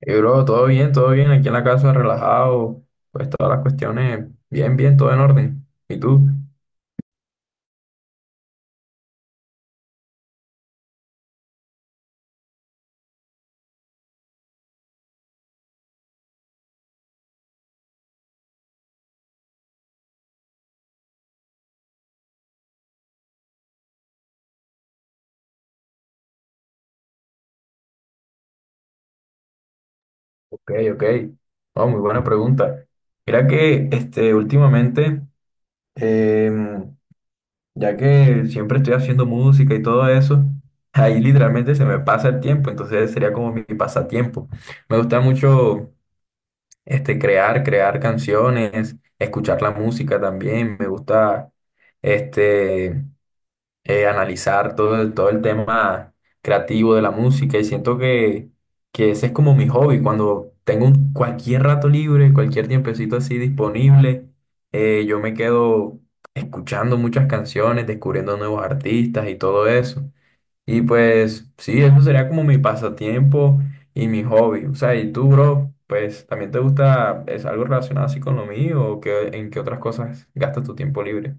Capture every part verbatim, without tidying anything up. Hey, bro, todo bien, todo bien, aquí en la casa, relajado, pues todas las cuestiones, bien, bien, todo en orden. ¿Y tú? Ok, ok. Oh, muy buena pregunta. Mira que este, últimamente, em, ya que siempre estoy haciendo música y todo eso, ahí literalmente se me pasa el tiempo, entonces sería como mi pasatiempo. Me gusta mucho este, crear, crear canciones, escuchar la música también, me gusta este eh, analizar todo, el- todo el tema creativo de la música y siento que, que ese es como mi hobby. Cuando tengo un- cualquier rato libre, cualquier tiempecito así disponible, eh, yo me quedo escuchando muchas canciones, descubriendo nuevos artistas y todo eso. Y pues sí, eso sería como mi pasatiempo y mi hobby. O sea, y tú, bro, pues también te gusta, es algo relacionado así con lo mío o que, en qué otras cosas gastas tu tiempo libre.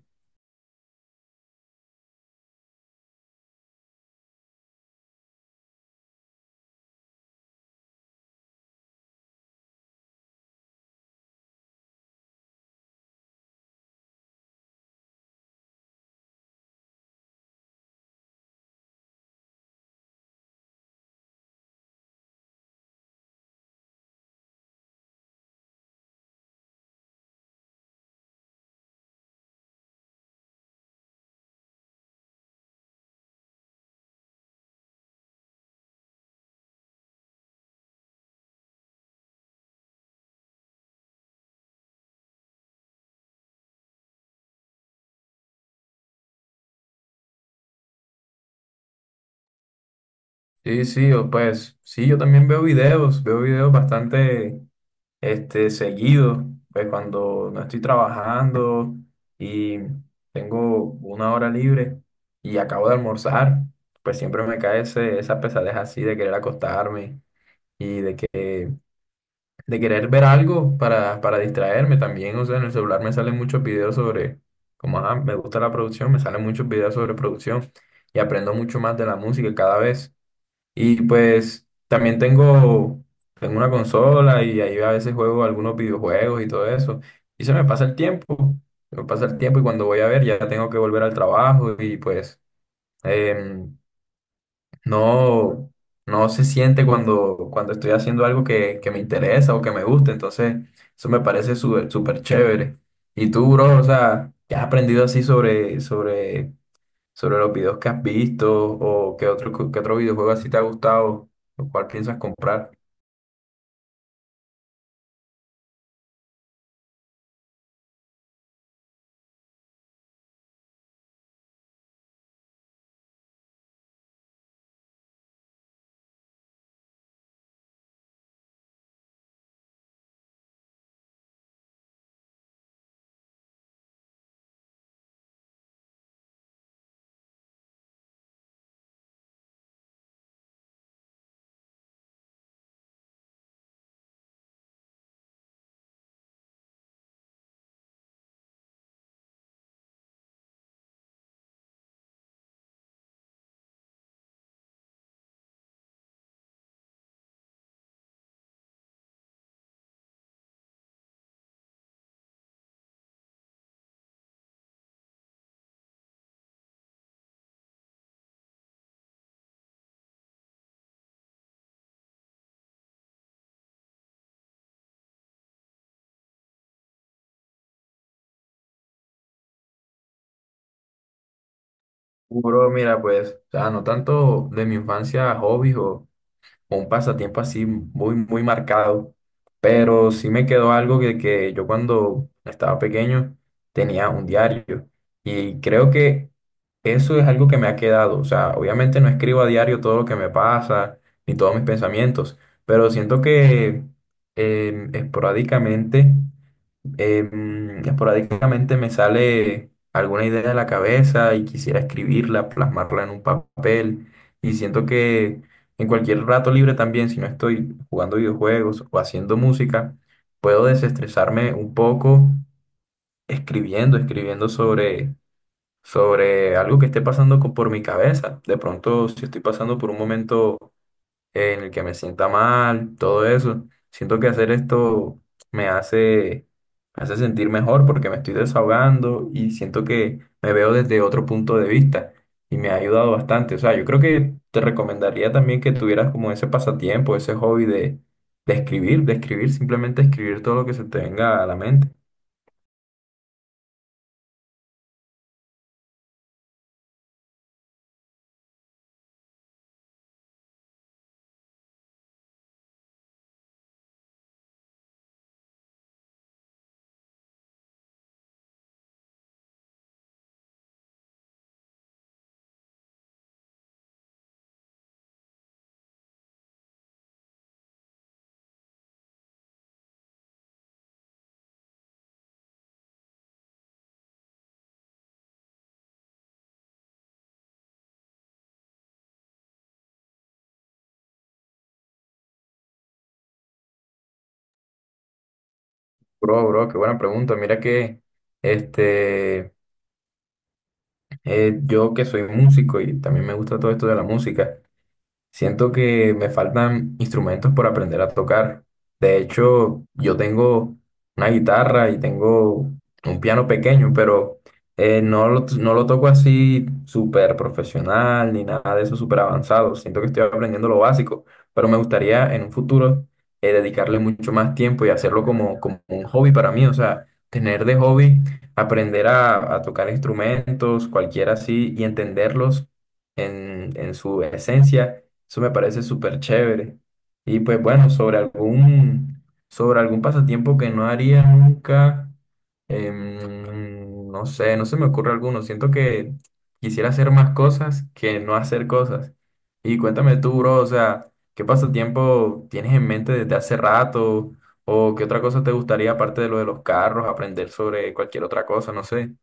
Sí, sí, o pues sí, yo también veo videos, veo videos bastante este, seguidos, pues cuando no estoy trabajando y tengo una hora libre y acabo de almorzar, pues siempre me cae ese, esa pesadez así de querer acostarme y de que de querer ver algo para, para distraerme también. O sea, en el celular me salen muchos videos sobre, como ajá, me gusta la producción, me salen muchos videos sobre producción y aprendo mucho más de la música cada vez. Y pues también tengo, tengo una consola y ahí a veces juego algunos videojuegos y todo eso. Y se me pasa el tiempo, se me pasa el tiempo y cuando voy a ver ya tengo que volver al trabajo y pues em, no, no se siente cuando, cuando estoy haciendo algo que, que me interesa o que me gusta. Entonces eso me parece súper súper chévere. ¿Y tú, bro? O sea, ¿qué has aprendido así sobre, sobre sobre los videos que has visto o qué otro, qué otro videojuego así te ha gustado, lo cual piensas comprar? Bro, mira, pues, o sea, no tanto de mi infancia hobbies o, o un pasatiempo así muy, muy marcado, pero sí me quedó algo que, que yo cuando estaba pequeño tenía un diario y creo que eso es algo que me ha quedado. O sea, obviamente no escribo a diario todo lo que me pasa ni todos mis pensamientos, pero siento que eh, esporádicamente. Em, esporádicamente me sale alguna idea de la cabeza y quisiera escribirla, plasmarla en un papel. Y siento que en cualquier rato libre también, si no estoy jugando videojuegos o haciendo música, puedo desestresarme un poco escribiendo, escribiendo sobre, sobre algo que esté pasando co- por mi cabeza. De pronto, si estoy pasando por un momento en el que me sienta mal, todo eso. Siento que hacer esto me hace, me hace sentir mejor porque me estoy desahogando y siento que me veo desde otro punto de vista y me ha ayudado bastante. O sea, yo creo que te recomendaría también que tuvieras como ese pasatiempo, ese hobby de, de escribir, de escribir, simplemente escribir todo lo que se te venga a la mente. Bro, bro, qué buena pregunta. Mira que este, eh, yo que soy músico y también me gusta todo esto de la música. Siento que me faltan instrumentos por aprender a tocar. De hecho, yo tengo una guitarra y tengo un piano pequeño, pero eh, no lo, no lo toco así súper profesional ni nada de eso súper avanzado. Siento que estoy aprendiendo lo básico, pero me gustaría en un futuro eh, dedicarle mucho más tiempo y hacerlo como, como un hobby para mí. O sea, tener de hobby, aprender a, a tocar instrumentos, cualquiera así, y entenderlos en en su esencia. Eso me parece súper chévere. Y pues bueno, sobre algún, sobre algún pasatiempo que no haría nunca, em, no sé, no se me ocurre alguno. Siento que quisiera hacer más cosas que no hacer cosas. Y cuéntame tú, bro, o sea, ¿qué pasatiempo tienes en mente desde hace rato? ¿O qué otra cosa te gustaría aparte de lo de los carros, aprender sobre cualquier otra cosa? No sé.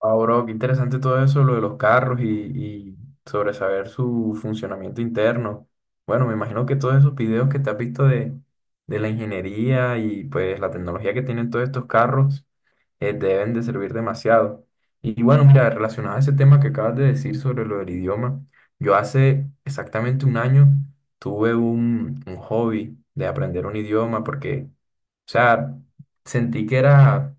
Ah, bro, qué interesante todo eso, lo de los carros y, y sobre saber su funcionamiento interno. Bueno, me imagino que todos esos videos que te has visto de, de la ingeniería y pues la tecnología que tienen todos estos carros eh, deben de servir demasiado. Y, y bueno, mira, relacionado a ese tema que acabas de decir sobre lo del idioma, yo hace exactamente un año tuve un, un hobby de aprender un idioma porque, o sea, sentí que era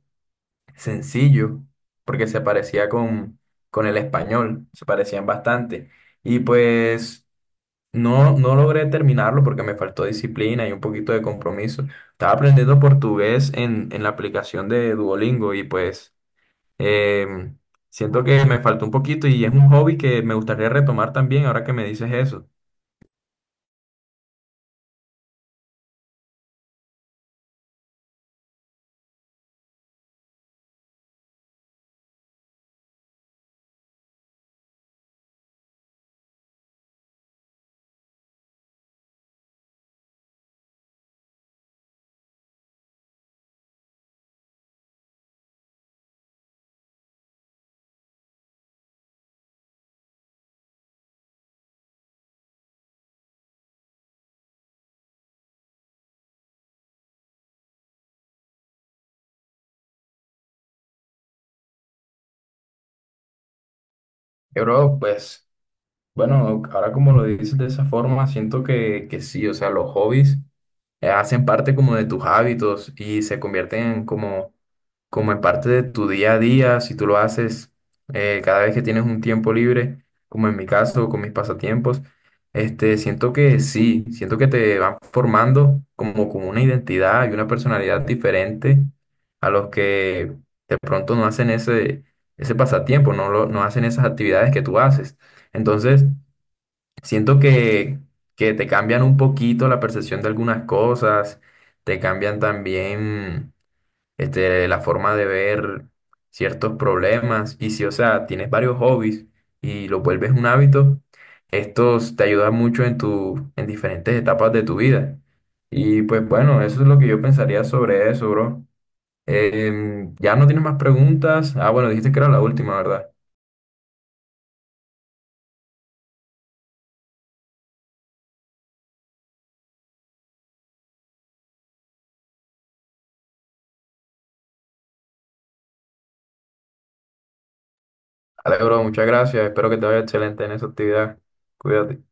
sencillo, porque se parecía con, con el español, se parecían bastante. Y pues no, no logré terminarlo porque me faltó disciplina y un poquito de compromiso. Estaba aprendiendo portugués en, en la aplicación de Duolingo y pues em, siento que me faltó un poquito y es un hobby que me gustaría retomar también ahora que me dices eso. Eh, Bro, pues bueno, ahora como lo dices de esa forma, siento que, que sí, o sea, los hobbies eh, hacen parte como de tus hábitos y se convierten en como, como en parte de tu día a día, si tú lo haces eh, cada vez que tienes un tiempo libre, como en mi caso, con mis pasatiempos, este, siento que sí, siento que te van formando como, como una identidad y una personalidad diferente a los que de pronto no hacen ese, ese pasatiempo, no, lo, no hacen esas actividades que tú haces. Entonces, siento que, que te cambian un poquito la percepción de algunas cosas, te cambian también este, la forma de ver ciertos problemas. Y si, o sea, tienes varios hobbies y lo vuelves un hábito, estos te ayudan mucho en tu, en diferentes etapas de tu vida. Y pues bueno, eso es lo que yo pensaría sobre eso, bro. Em, ya no tienes más preguntas. Ah, bueno, dijiste que era la última, ¿verdad? Vale, bro, muchas gracias. Espero que te vaya excelente en esa actividad. Cuídate.